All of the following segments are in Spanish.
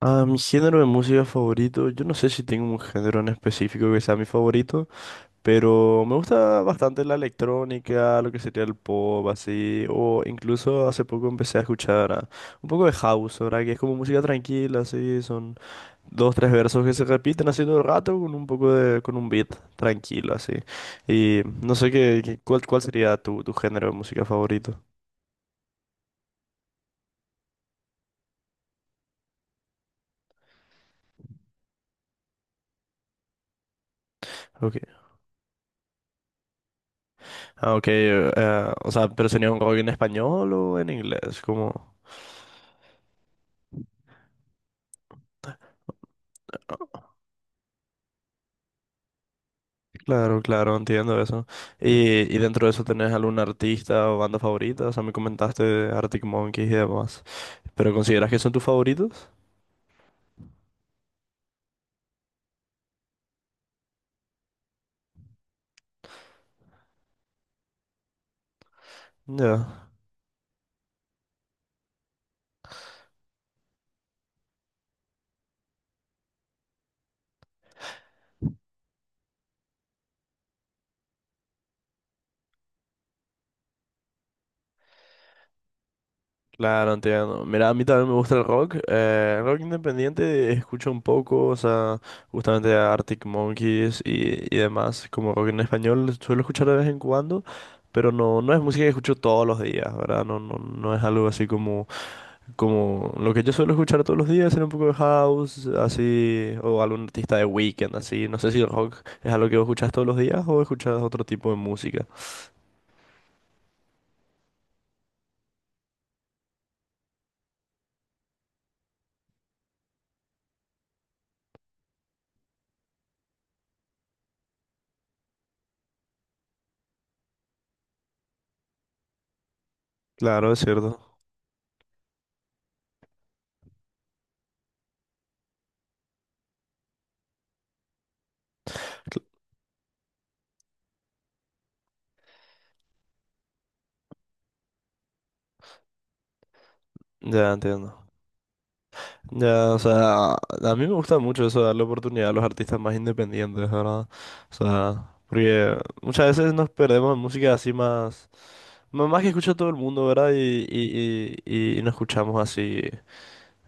Ah, mi género de música favorito, yo no sé si tengo un género en específico que sea mi favorito, pero me gusta bastante la electrónica, lo que sería el pop, así, o incluso hace poco empecé a escuchar un poco de house, ¿verdad? Que es como música tranquila, así, son dos, tres versos que se repiten así todo el rato con un poco de, con un beat tranquilo, así. Y no sé qué, cuál sería tu, tu género de música favorito. Okay. Ah, ok, o sea, pero sería un rock en español o en inglés, como... Claro, claro, entiendo eso. Y dentro de eso, ¿tenés algún artista o banda favorita? O sea, me comentaste de Arctic Monkeys y demás. ¿Pero consideras que son tus favoritos? Ya. Claro, entiendo. Mira, a mí también me gusta el rock. El rock independiente escucho un poco, o sea, justamente a Arctic Monkeys y demás. Como rock en español suelo escuchar de vez en cuando, pero no, no es música que escucho todos los días, ¿verdad? No, no, no es algo así como. Como lo que yo suelo escuchar todos los días era un poco de house, así, o algún artista de Weekend, así. No sé si el rock es algo que vos escuchás todos los días o escuchás otro tipo de música. Claro, es cierto. Cl- Ya entiendo. Ya, o sea, a mí me gusta mucho eso, darle oportunidad a los artistas más independientes, ¿verdad? O sea, porque muchas veces nos perdemos en música así más, más que escucha todo el mundo, ¿verdad? Y no escuchamos así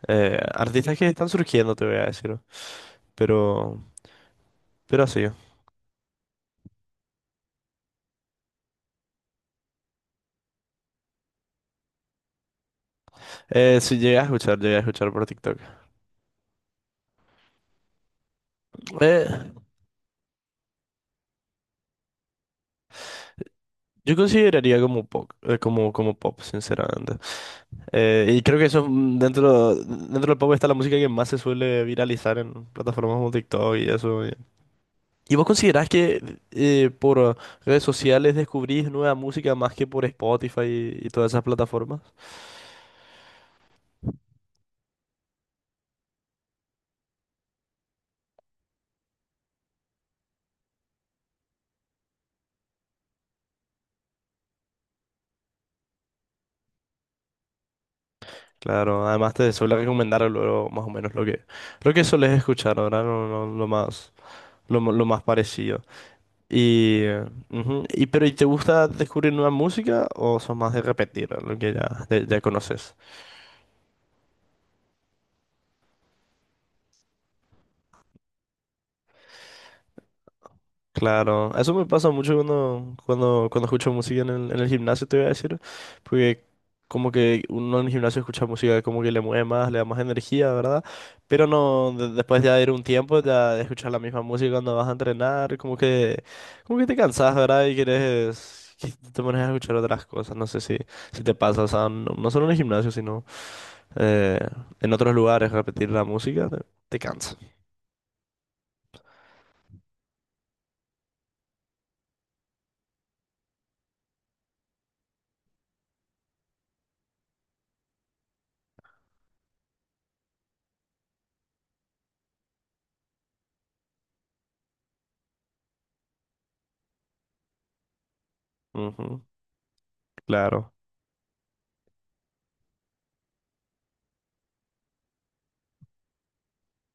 artistas que están surgiendo, te voy a decir. Pero, pero así. Sí, llegué a escuchar por TikTok. Eh, yo consideraría como pop, como pop, sinceramente. Y creo que eso dentro del pop está la música que más se suele viralizar en plataformas como TikTok y eso. ¿Y vos considerás que por redes sociales descubrís nueva música más que por Spotify y todas esas plataformas? Claro, además te suele recomendar luego más o menos lo que solés escuchar ahora, lo más, lo más parecido. Y, ujú, y pero ¿y te gusta descubrir nueva música o sos más de repetir lo que ya conoces? Claro, eso me pasa mucho cuando, cuando escucho música en el gimnasio, te voy a decir, porque como que uno en el gimnasio escucha música como que le mueve más, le da más energía, ¿verdad? Pero no, después ya de ir un tiempo, ya de escuchar la misma música cuando vas a entrenar, como que te cansas, ¿verdad? Y quieres que te pones a escuchar otras cosas, no sé si, si te pasa, o sea, no, no solo en el gimnasio, sino... eh, en otros lugares repetir la música, te cansa. Ujú, claro.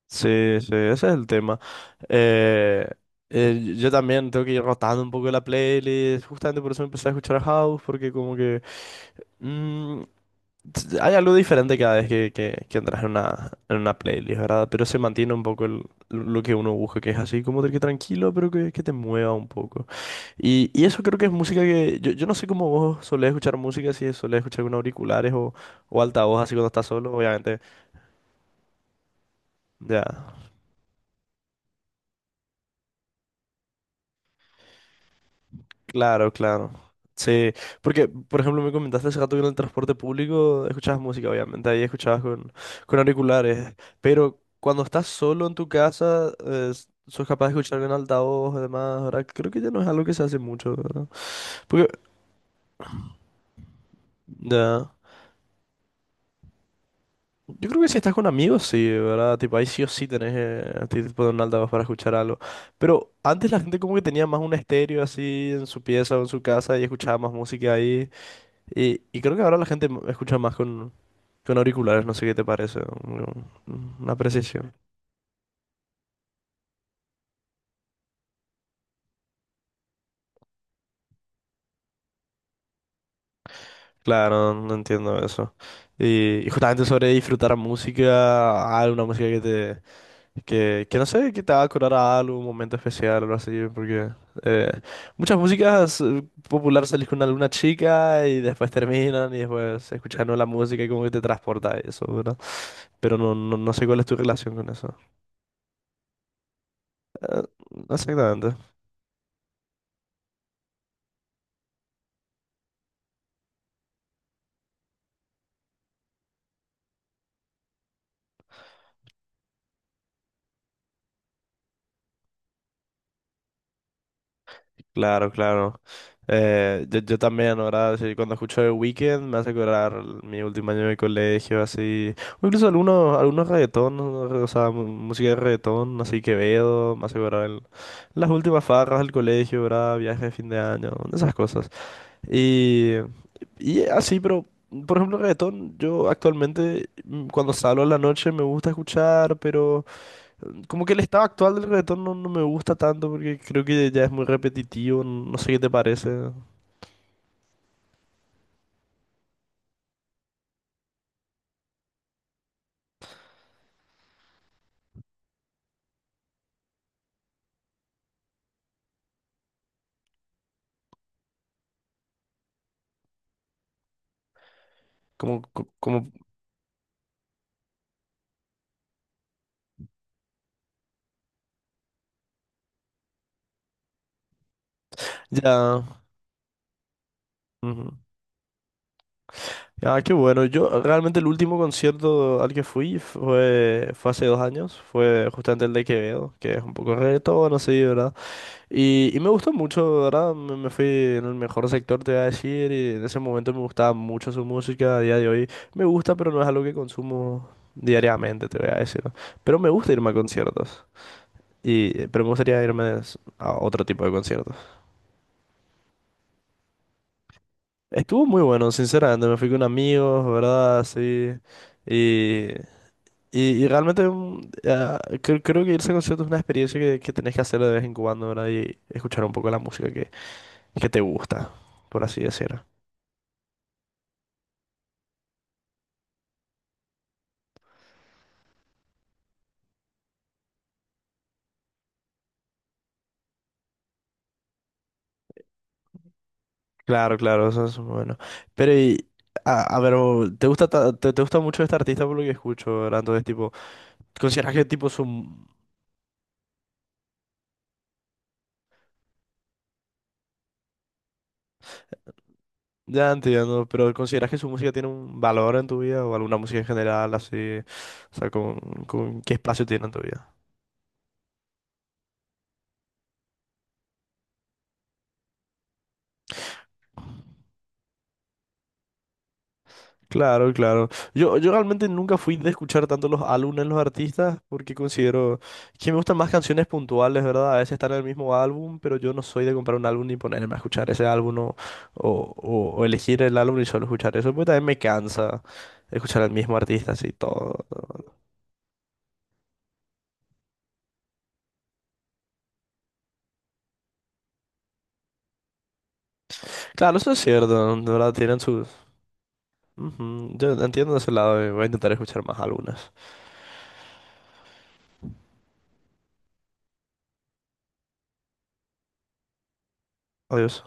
Sí, sí, ese es el tema. Eh, yo también tengo que ir rotando un poco la playlist, justamente por eso empecé a escuchar a House, porque como que... mm, hay algo diferente cada vez que, que entras en una playlist, ¿verdad? Pero se mantiene un poco lo que uno busca, que es así como de que tranquilo, pero que te mueva un poco. Y eso creo que es música que... Yo no sé cómo vos solés escuchar música, si solés escuchar con auriculares o altavoz así cuando estás solo, obviamente. Ya. Claro, claro. Sí, porque, por ejemplo, me comentaste hace rato que en el transporte público escuchabas música, obviamente, ahí escuchabas con auriculares, pero cuando estás solo en tu casa, sos capaz de escuchar en altavoz, además, ahora creo que ya no es algo que se hace mucho, ¿verdad? Porque, ya, yo creo que si estás con amigos, sí, ¿verdad? Tipo, ahí sí o sí tenés a ti te ponen un altavoz para escuchar algo, pero antes la gente como que tenía más un estéreo así en su pieza o en su casa y escuchaba más música ahí. Y creo que ahora la gente escucha más con auriculares, no sé qué te parece. Una precisión. Claro, no entiendo eso. Y justamente sobre disfrutar música, alguna música que te, que no sé, que te va a acordar a algo, un momento especial o algo así, porque eh, muchas músicas populares salís con alguna chica y después terminan y después escuchas la música y como que te transporta a eso, ¿verdad? Pero no, no, no sé cuál es tu relación con eso. Eh, exactamente. Claro, claro. Yo, yo también, ahora sí, cuando escucho The Weeknd me hace acordar mi último año de colegio, así. O incluso algunos, algunos reggaetón, o sea, música de reggaetón, así Quevedo, me hace acordar las últimas farras del colegio, ¿verdad? Viajes de fin de año, esas cosas. Y, y así, pero, por ejemplo, reggaetón, yo actualmente cuando salgo en la noche me gusta escuchar, pero... Como que el estado actual del reggaetón no, no me gusta tanto porque creo que ya es muy repetitivo, no sé qué te parece. Como, co- como, ya. Ujú. Ah, qué bueno. Yo realmente el último concierto al que fui fue, fue hace dos años, fue justamente el de Quevedo, que es un poco reggaetón, no sé, ¿verdad? Y me gustó mucho, ¿verdad? Me fui en el mejor sector, te voy a decir, y en ese momento me gustaba mucho su música, a día de hoy me gusta, pero no es algo que consumo diariamente, te voy a decir. Pero me gusta irme a conciertos. Y, pero me gustaría irme a otro tipo de conciertos. Estuvo muy bueno, sinceramente. Me fui con amigos, ¿verdad? Sí. Y, y realmente creo que irse a conciertos es una experiencia que tenés que hacer de vez en cuando, ¿verdad? Y escuchar un poco la música que te gusta, por así decirlo. Claro, claro, eso es bueno. Pero, y, a ver, ¿te gusta, te gusta mucho este artista por lo que escucho, ¿verdad? Entonces, tipo, ¿consideras que tipo su, ya entiendo, pero ¿consideras que su música tiene un valor en tu vida o alguna música en general así? O sea, con qué espacio tiene en tu vida? Claro, claro. Yo realmente nunca fui de escuchar tanto los álbumes de los artistas porque considero que me gustan más canciones puntuales, ¿verdad? A veces están en el mismo álbum, pero yo no soy de comprar un álbum ni ponerme a escuchar ese álbum o, o elegir el álbum y solo escuchar eso, porque también me cansa escuchar al mismo artista así todo. Claro, eso es cierto, ¿no? De verdad, tienen sus, ujú, yo entiendo ese lado y voy a intentar escuchar más algunas. Adiós.